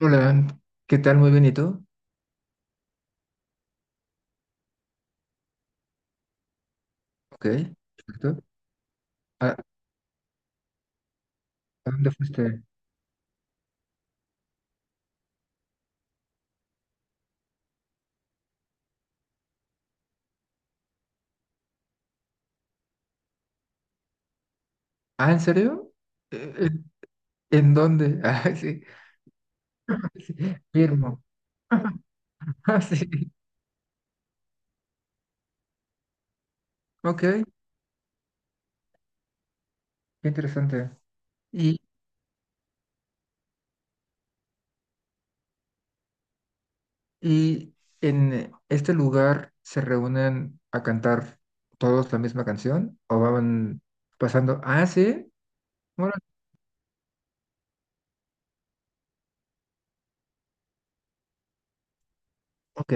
Hola, ¿qué tal? Muy bien, ¿y tú? Ok, perfecto. ¿A dónde fuiste? Ah, ¿en serio? Eh, eh, ¿En dónde? Ah, sí, sí, firmo. Ah, sí, ok, qué interesante. Y, y en este lugar se reúnen a cantar todos la misma canción o van pasando? Ah, sí, bueno, ok,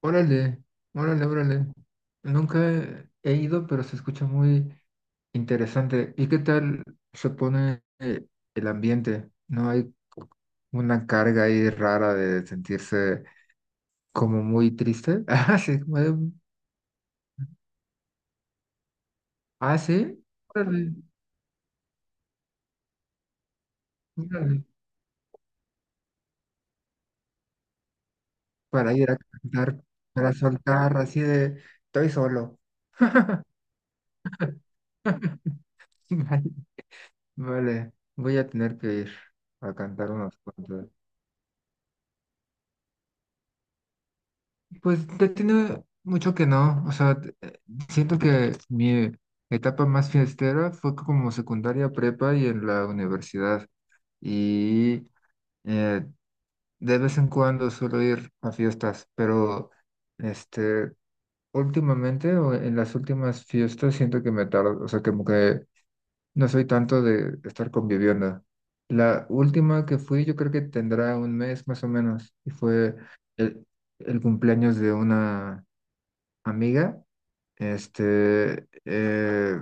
órale, órale, órale. Nunca he ido, pero se escucha muy interesante. ¿Y qué tal se pone el ambiente? ¿No hay una carga ahí rara de sentirse como muy triste? Ah, sí, como de, ah, sí, órale, órale. Para ir a cantar, para soltar así de, estoy solo. Vale, vale, voy a tener que ir a cantar unos cuantos. Pues ya tiene mucho que no, o sea, siento que mi etapa más fiestera fue como secundaria, prepa y en la universidad. Y eh, de vez en cuando suelo ir a fiestas, pero este, últimamente o en las últimas fiestas siento que me tardo, o sea, como que no soy tanto de estar conviviendo. La última que fui yo creo que tendrá un mes más o menos y fue el, el cumpleaños de una amiga, este, eh,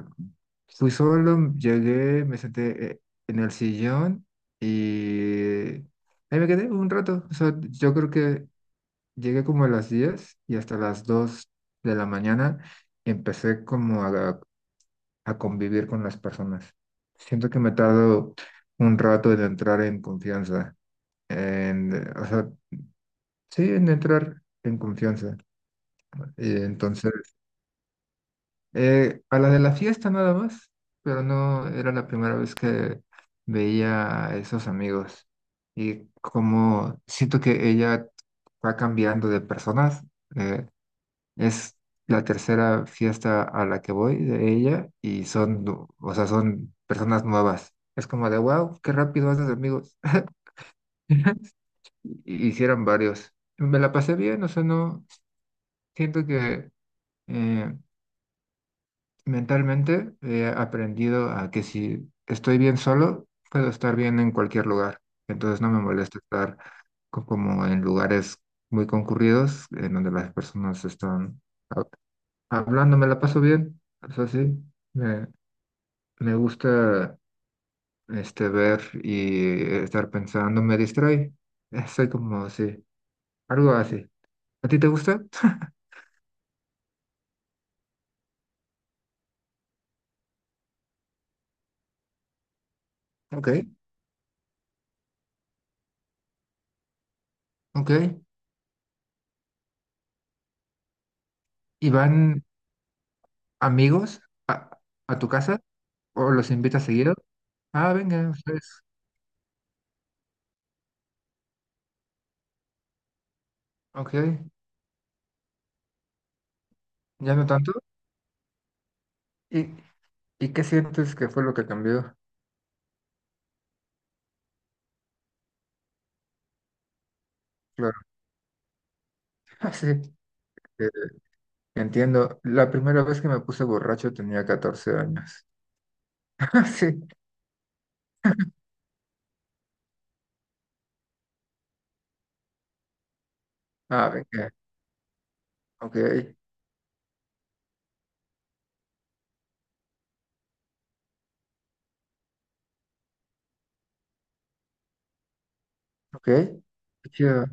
fui solo, llegué, me senté en el sillón y ahí me quedé un rato. O sea, yo creo que llegué como a las 10 y hasta las 2 de la mañana empecé como a convivir con las personas. Siento que me he tardado un rato en entrar en confianza, en, o sea, sí, en entrar en confianza. Y entonces, a la de la fiesta nada más, pero no era la primera vez que veía a esos amigos. Y como siento que ella va cambiando de personas, eh, es la tercera fiesta a la que voy de ella y son, o sea, son personas nuevas. Es como de, wow, qué rápido haces amigos. Hicieron varios. Me la pasé bien, o sea, no siento que... eh, mentalmente he aprendido a que si estoy bien solo, puedo estar bien en cualquier lugar. Entonces no me molesta estar como en lugares muy concurridos, en donde las personas están hab- hablando, me la paso bien. Es así, me, me gusta ver y estar pensando, me distrae. Soy como así, algo así. ¿A ti te gusta? Ok, ok. ¿Y van amigos a, a tu casa o los invitas seguido? Ah, venga, pues, ok, ya no tanto. ¿Y, y qué sientes que fue lo que cambió? Claro, ah, sí, entiendo. La primera vez que me puse borracho tenía 14 años. Ah, sí, ah, venga, ok, ok, qué chido.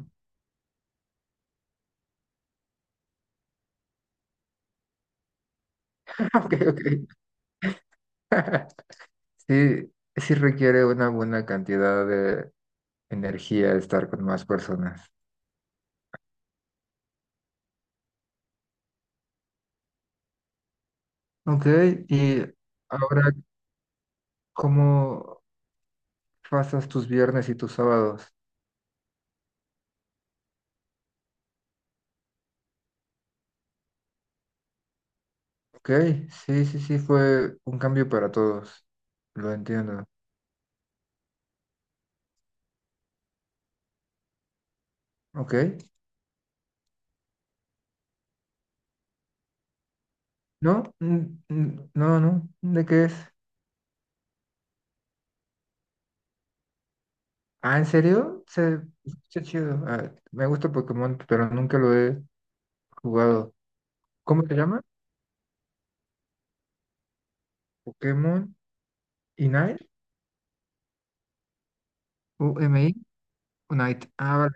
Ok, ok. Sí, sí requiere una buena cantidad de energía estar con más personas. Ok, y ahora, ¿cómo pasas tus viernes y tus sábados? Ok, sí, sí, sí, fue un cambio para todos. Lo entiendo. Ok. No, no, no. ¿De qué es? Ah, ¿en serio? Se escucha chido. Ah, me gusta Pokémon, pero nunca lo he jugado. ¿Cómo se llama? Pokémon Unite. UMI. Unite. Ah, vale.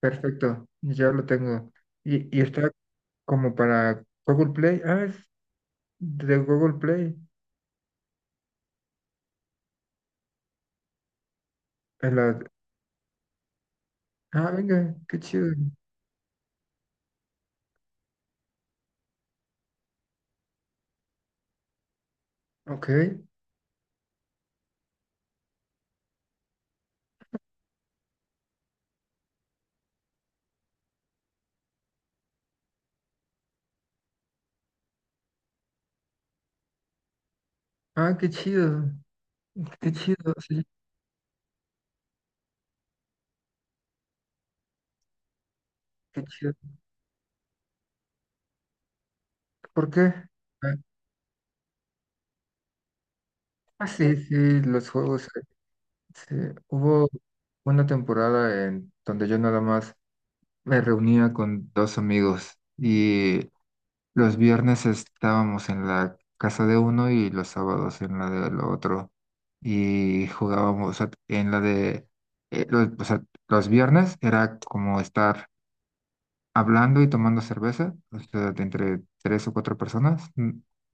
Perfecto. Ya lo tengo. Y está como para Google Play. Ah, es de Google Play. En la- Ah, venga, qué chido. Ok. Ah, qué chido. Qué chido, sí, qué chido. ¿Por qué? Ah, ah, sí, sí, los juegos. Sí. Hubo una temporada en donde yo nada más me reunía con dos amigos y los viernes estábamos en la casa de uno y los sábados en la del otro. Y jugábamos, o sea, en la de, o sea, los viernes era como estar hablando y tomando cerveza, o sea, de entre tres o cuatro personas,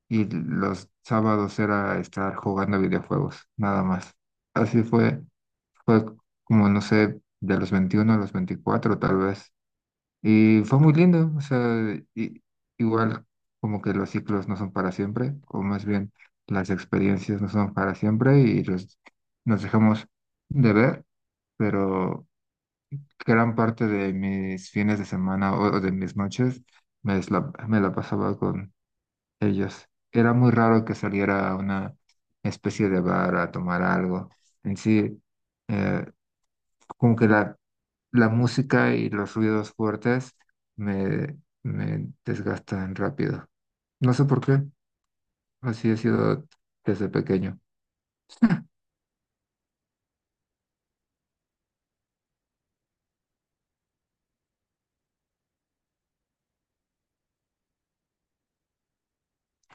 y los sábados era estar jugando videojuegos, nada más. Así fue como, no sé, de los 21 a los 24 tal vez. Y fue muy lindo, o sea, y- igual como que los ciclos no son para siempre, o más bien las experiencias no son para siempre y nos dejamos de ver, pero gran parte de mis fines de semana o de mis noches me la pasaba con ellos. Era muy raro que saliera a una especie de bar a tomar algo. En sí, eh, como que la música y los ruidos fuertes me, me desgastan rápido. No sé por qué, así he sido desde pequeño.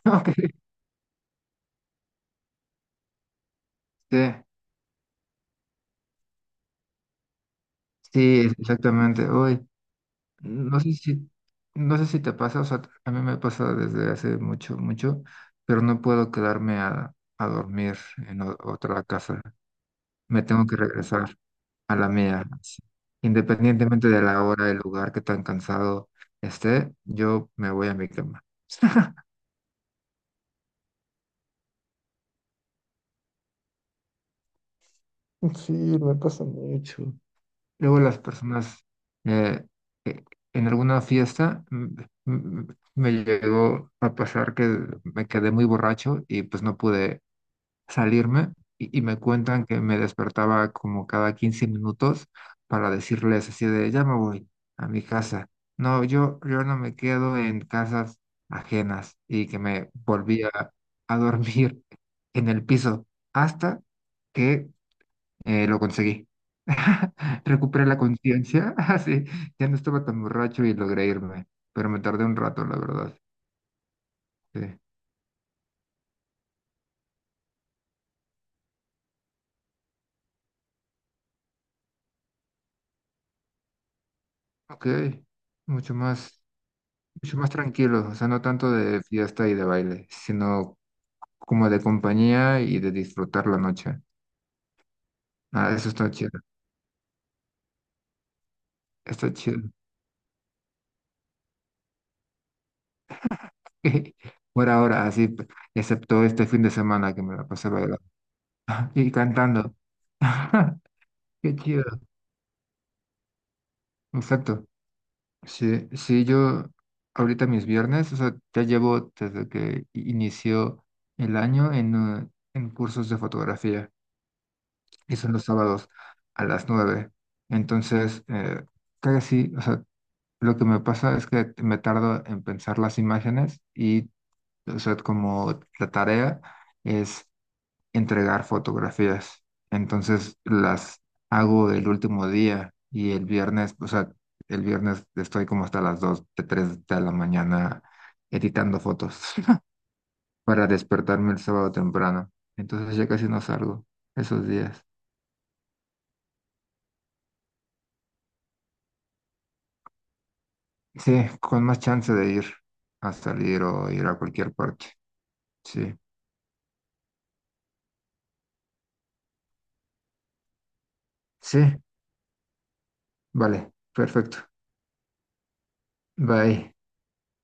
Ok. Sí, sí, exactamente. Uy, No sé si, no sé si te pasa, o sea, a mí me pasa desde hace mucho, mucho, pero no puedo quedarme a dormir en otra casa. Me tengo que regresar a la mía. Así. Independientemente de la hora, el lugar, qué tan cansado esté, yo me voy a mi cama. Sí, me pasa mucho. Luego las personas, eh, eh, en alguna fiesta, mm, me llegó a pasar que me quedé muy borracho y pues no pude salirme y me cuentan que me despertaba como cada 15 minutos para decirles así de, ya me voy a mi casa. No, yo no me quedo en casas ajenas y que me volvía a dormir en el piso hasta que lo conseguí. Recuperé la conciencia, así, ya no estaba tan borracho y logré irme, pero me tardé un rato, la verdad. Sí. Ok, mucho más. Mucho más tranquilos, o sea, no tanto de fiesta y de baile, sino como de compañía y de disfrutar la noche. Ah, eso está chido, está chido. Por ahora, así, excepto este fin de semana que me la pasé bailando y cantando. Qué chido, exacto. Sí, sí, yo ahorita mis viernes, o sea, ya llevo desde que inició el año en cursos de fotografía. Y son los sábados a las 9. Entonces, o sea, lo que me pasa es que me tardo en pensar las imágenes y, o sea, como la tarea es entregar fotografías. Entonces, las hago el último día y el viernes, o sea, el viernes estoy como hasta las 2 de 3 de la mañana editando fotos para despertarme el sábado temprano. Entonces, ya casi no salgo esos días. Sí, con más chance de ir a salir o ir a cualquier parte. Sí, sí, vale, perfecto. Bye.